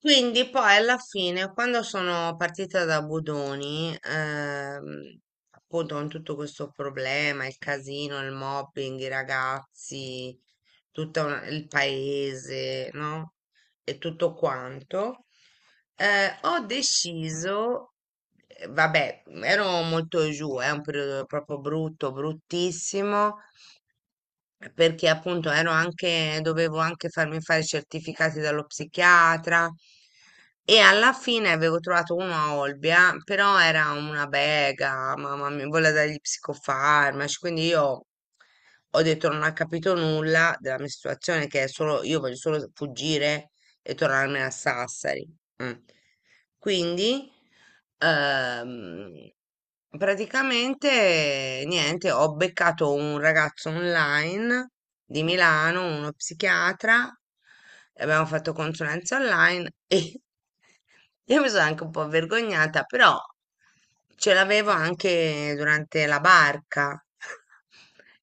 Quindi poi alla fine, quando sono partita da Budoni, appunto con tutto questo problema, il casino, il mobbing, i ragazzi, tutto il paese, no? E tutto quanto, ho deciso, vabbè, ero molto giù, è un periodo proprio brutto, bruttissimo, perché appunto ero anche, dovevo anche farmi fare i certificati dallo psichiatra e alla fine avevo trovato uno a Olbia, però era una bega, mamma mia, voleva dargli psicofarmaci, quindi io ho detto non ha capito nulla della mia situazione, che è solo, io voglio solo fuggire e tornarmene a Sassari. Mm. Quindi, ehm, praticamente, niente, ho beccato un ragazzo online di Milano, uno psichiatra, e abbiamo fatto consulenza online e io mi sono anche un po' vergognata, però ce l'avevo anche durante la barca.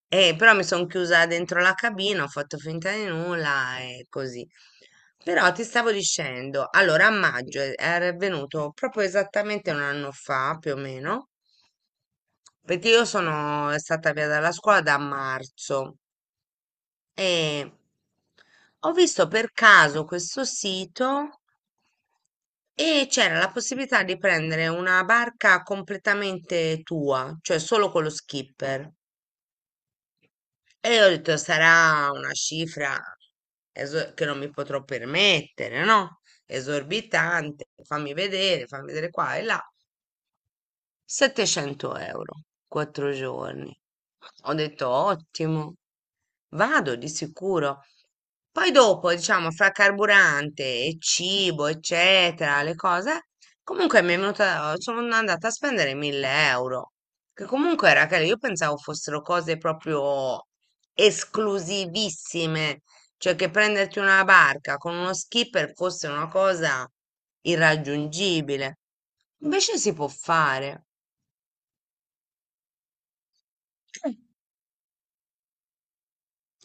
Però mi sono chiusa dentro la cabina, ho fatto finta di nulla e così. Però ti stavo dicendo, allora a maggio è venuto proprio esattamente un anno fa, più o meno, perché io sono stata via dalla scuola da marzo e ho visto per caso questo sito e c'era la possibilità di prendere una barca completamente tua, cioè solo con lo skipper. E io ho detto, sarà una cifra che non mi potrò permettere, no? Esorbitante, fammi vedere qua e là. 700 euro, 4 giorni. Ho detto ottimo, vado di sicuro. Poi dopo, diciamo, fra carburante e cibo, eccetera, le cose, comunque mi è venuta, sono andata a spendere 1000 euro, che comunque era che io pensavo fossero cose proprio esclusivissime, cioè che prenderti una barca con uno skipper fosse una cosa irraggiungibile. Invece si può fare. Eh,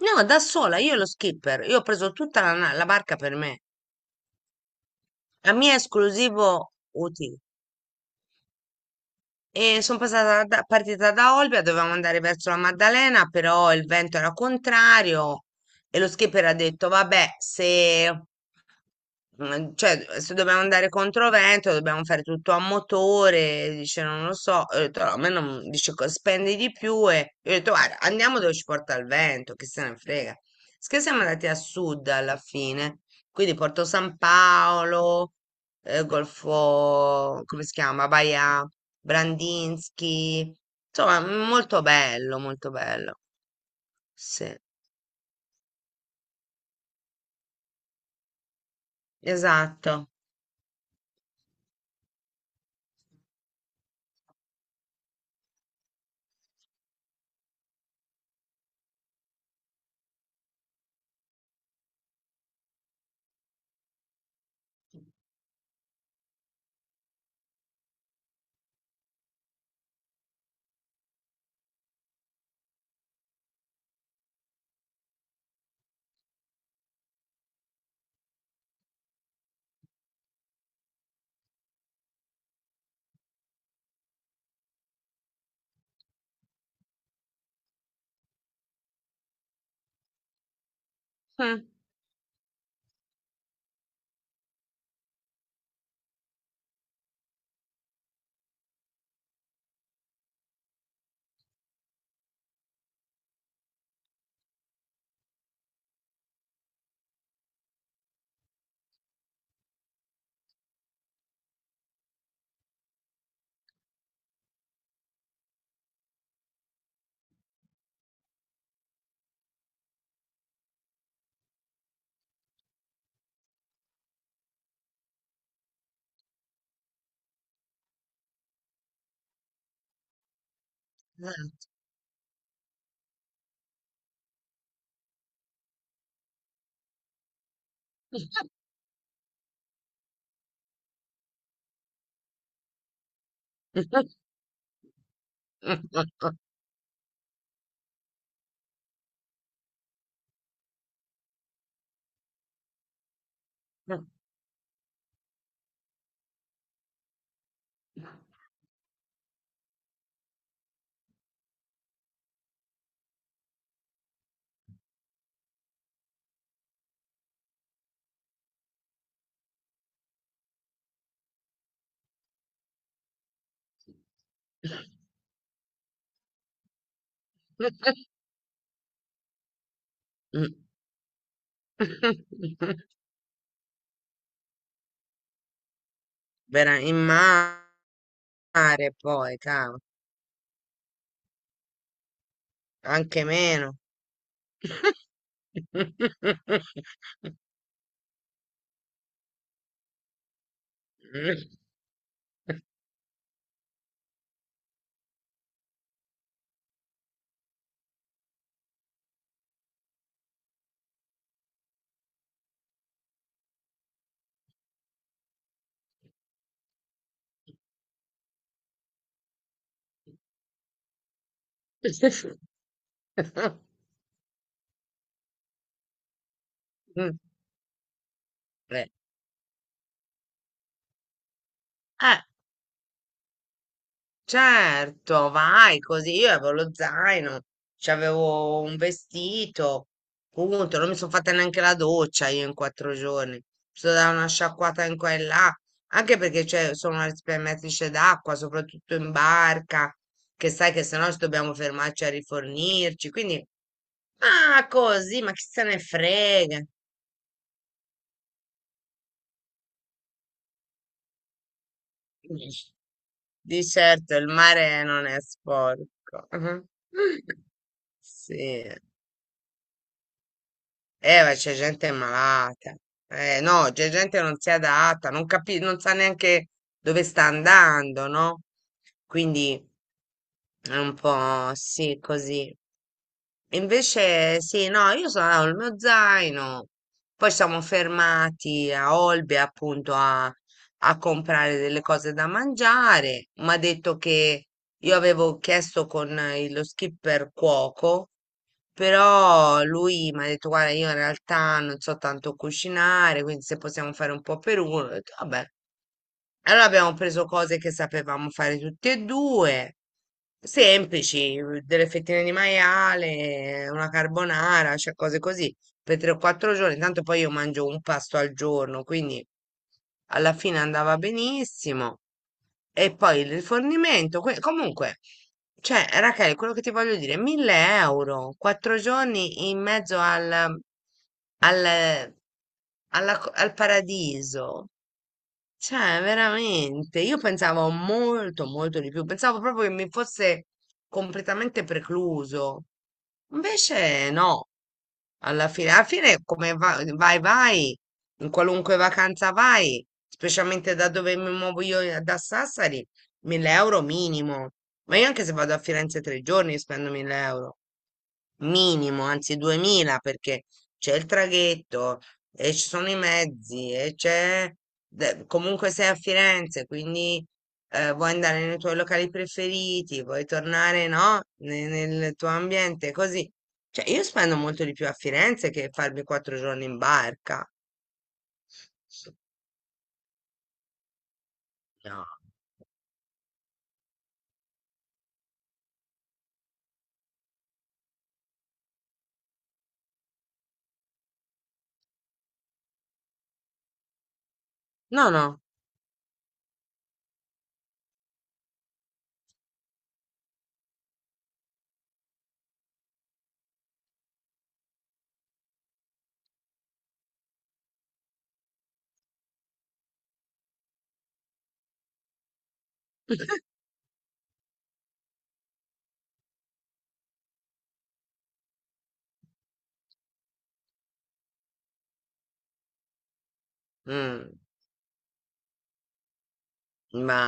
No, da sola, io lo skipper, io ho preso tutta la barca per me, a mio esclusivo utile. E sono passata partita da Olbia, dovevamo andare verso la Maddalena, però il vento era contrario e lo skipper ha detto, vabbè, se, cioè, se dobbiamo andare contro vento, dobbiamo fare tutto a motore, dice, non lo so, ho detto, "No, a me non, dice, spendi di più e io ho detto, guarda, andiamo dove ci porta il vento, che se ne frega. Sì che siamo andati a sud alla fine quindi Porto San Paolo, Golfo, come si chiama? Baia Brandinsky, insomma, molto bello, molto bello. Sì, esatto. Mm, esatto. In mare poi, cavolo, anche meno. Eh, Eh, certo, vai così. Io avevo lo zaino, c'avevo un vestito, punto. Non mi sono fatta neanche la doccia io in 4 giorni. Mi sono data una sciacquata in qua e là, anche perché cioè, sono una risparmiatrice d'acqua, soprattutto in barca, che sai che se no ci dobbiamo fermarci a rifornirci. Quindi, ah, così, ma chi se ne frega? Di certo, il mare non è sporco. Sì. Ma c'è gente malata. No, c'è gente che non si adatta, non sa neanche dove sta andando, no? Quindi è un po' sì, così. Invece, sì, no, io sono andato il mio zaino, poi siamo fermati a Olbia appunto a, a comprare delle cose da mangiare. Mi ha detto che io avevo chiesto con lo skipper cuoco però lui mi ha detto, guarda, io in realtà non so tanto cucinare, quindi se possiamo fare un po' per uno, ho detto, vabbè, allora abbiamo preso cose che sapevamo fare tutte e due, semplici, delle fettine di maiale, una carbonara, cioè cose così, per 3-4 giorni. Tanto poi io mangio un pasto al giorno, quindi alla fine andava benissimo. E poi il rifornimento. Comunque, cioè, Rachele, quello che ti voglio dire, 1000 euro, 4 giorni in mezzo al paradiso. Cioè, veramente, io pensavo molto, molto di più, pensavo proprio che mi fosse completamente precluso. Invece no, alla fine come vai, vai, in qualunque vacanza vai, specialmente da dove mi muovo io da Sassari, 1000 euro minimo. Ma io anche se vado a Firenze 3 giorni spendo 1000 euro minimo, anzi 2000 perché c'è il traghetto e ci sono i mezzi e c'è comunque sei a Firenze, quindi vuoi andare nei tuoi locali preferiti, vuoi tornare, no? Nel tuo ambiente, così. Cioè, io spendo molto di più a Firenze che farmi 4 giorni in barca. No, no, no. Mm, ma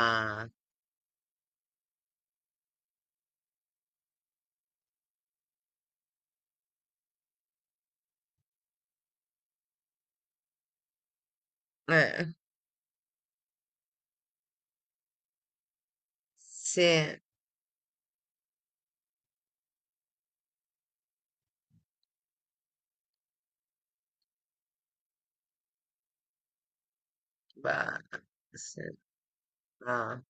eh, sì, bah, sì, no.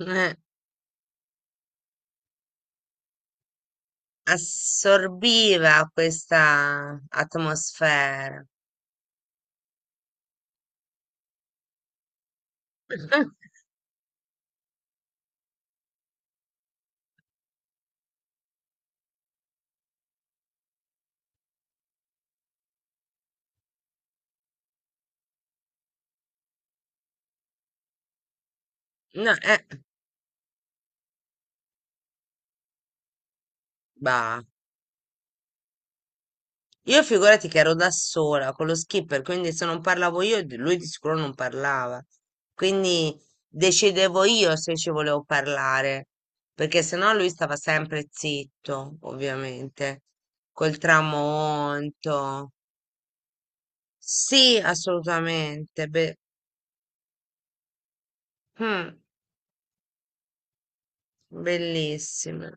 Assorbiva questa atmosfera. No, bah. Io figurati che ero da sola con lo skipper, quindi se non parlavo io, lui di sicuro non parlava. Quindi decidevo io se ci volevo parlare, perché sennò lui stava sempre zitto, ovviamente, col tramonto. Sì, assolutamente. Mm, bellissimo.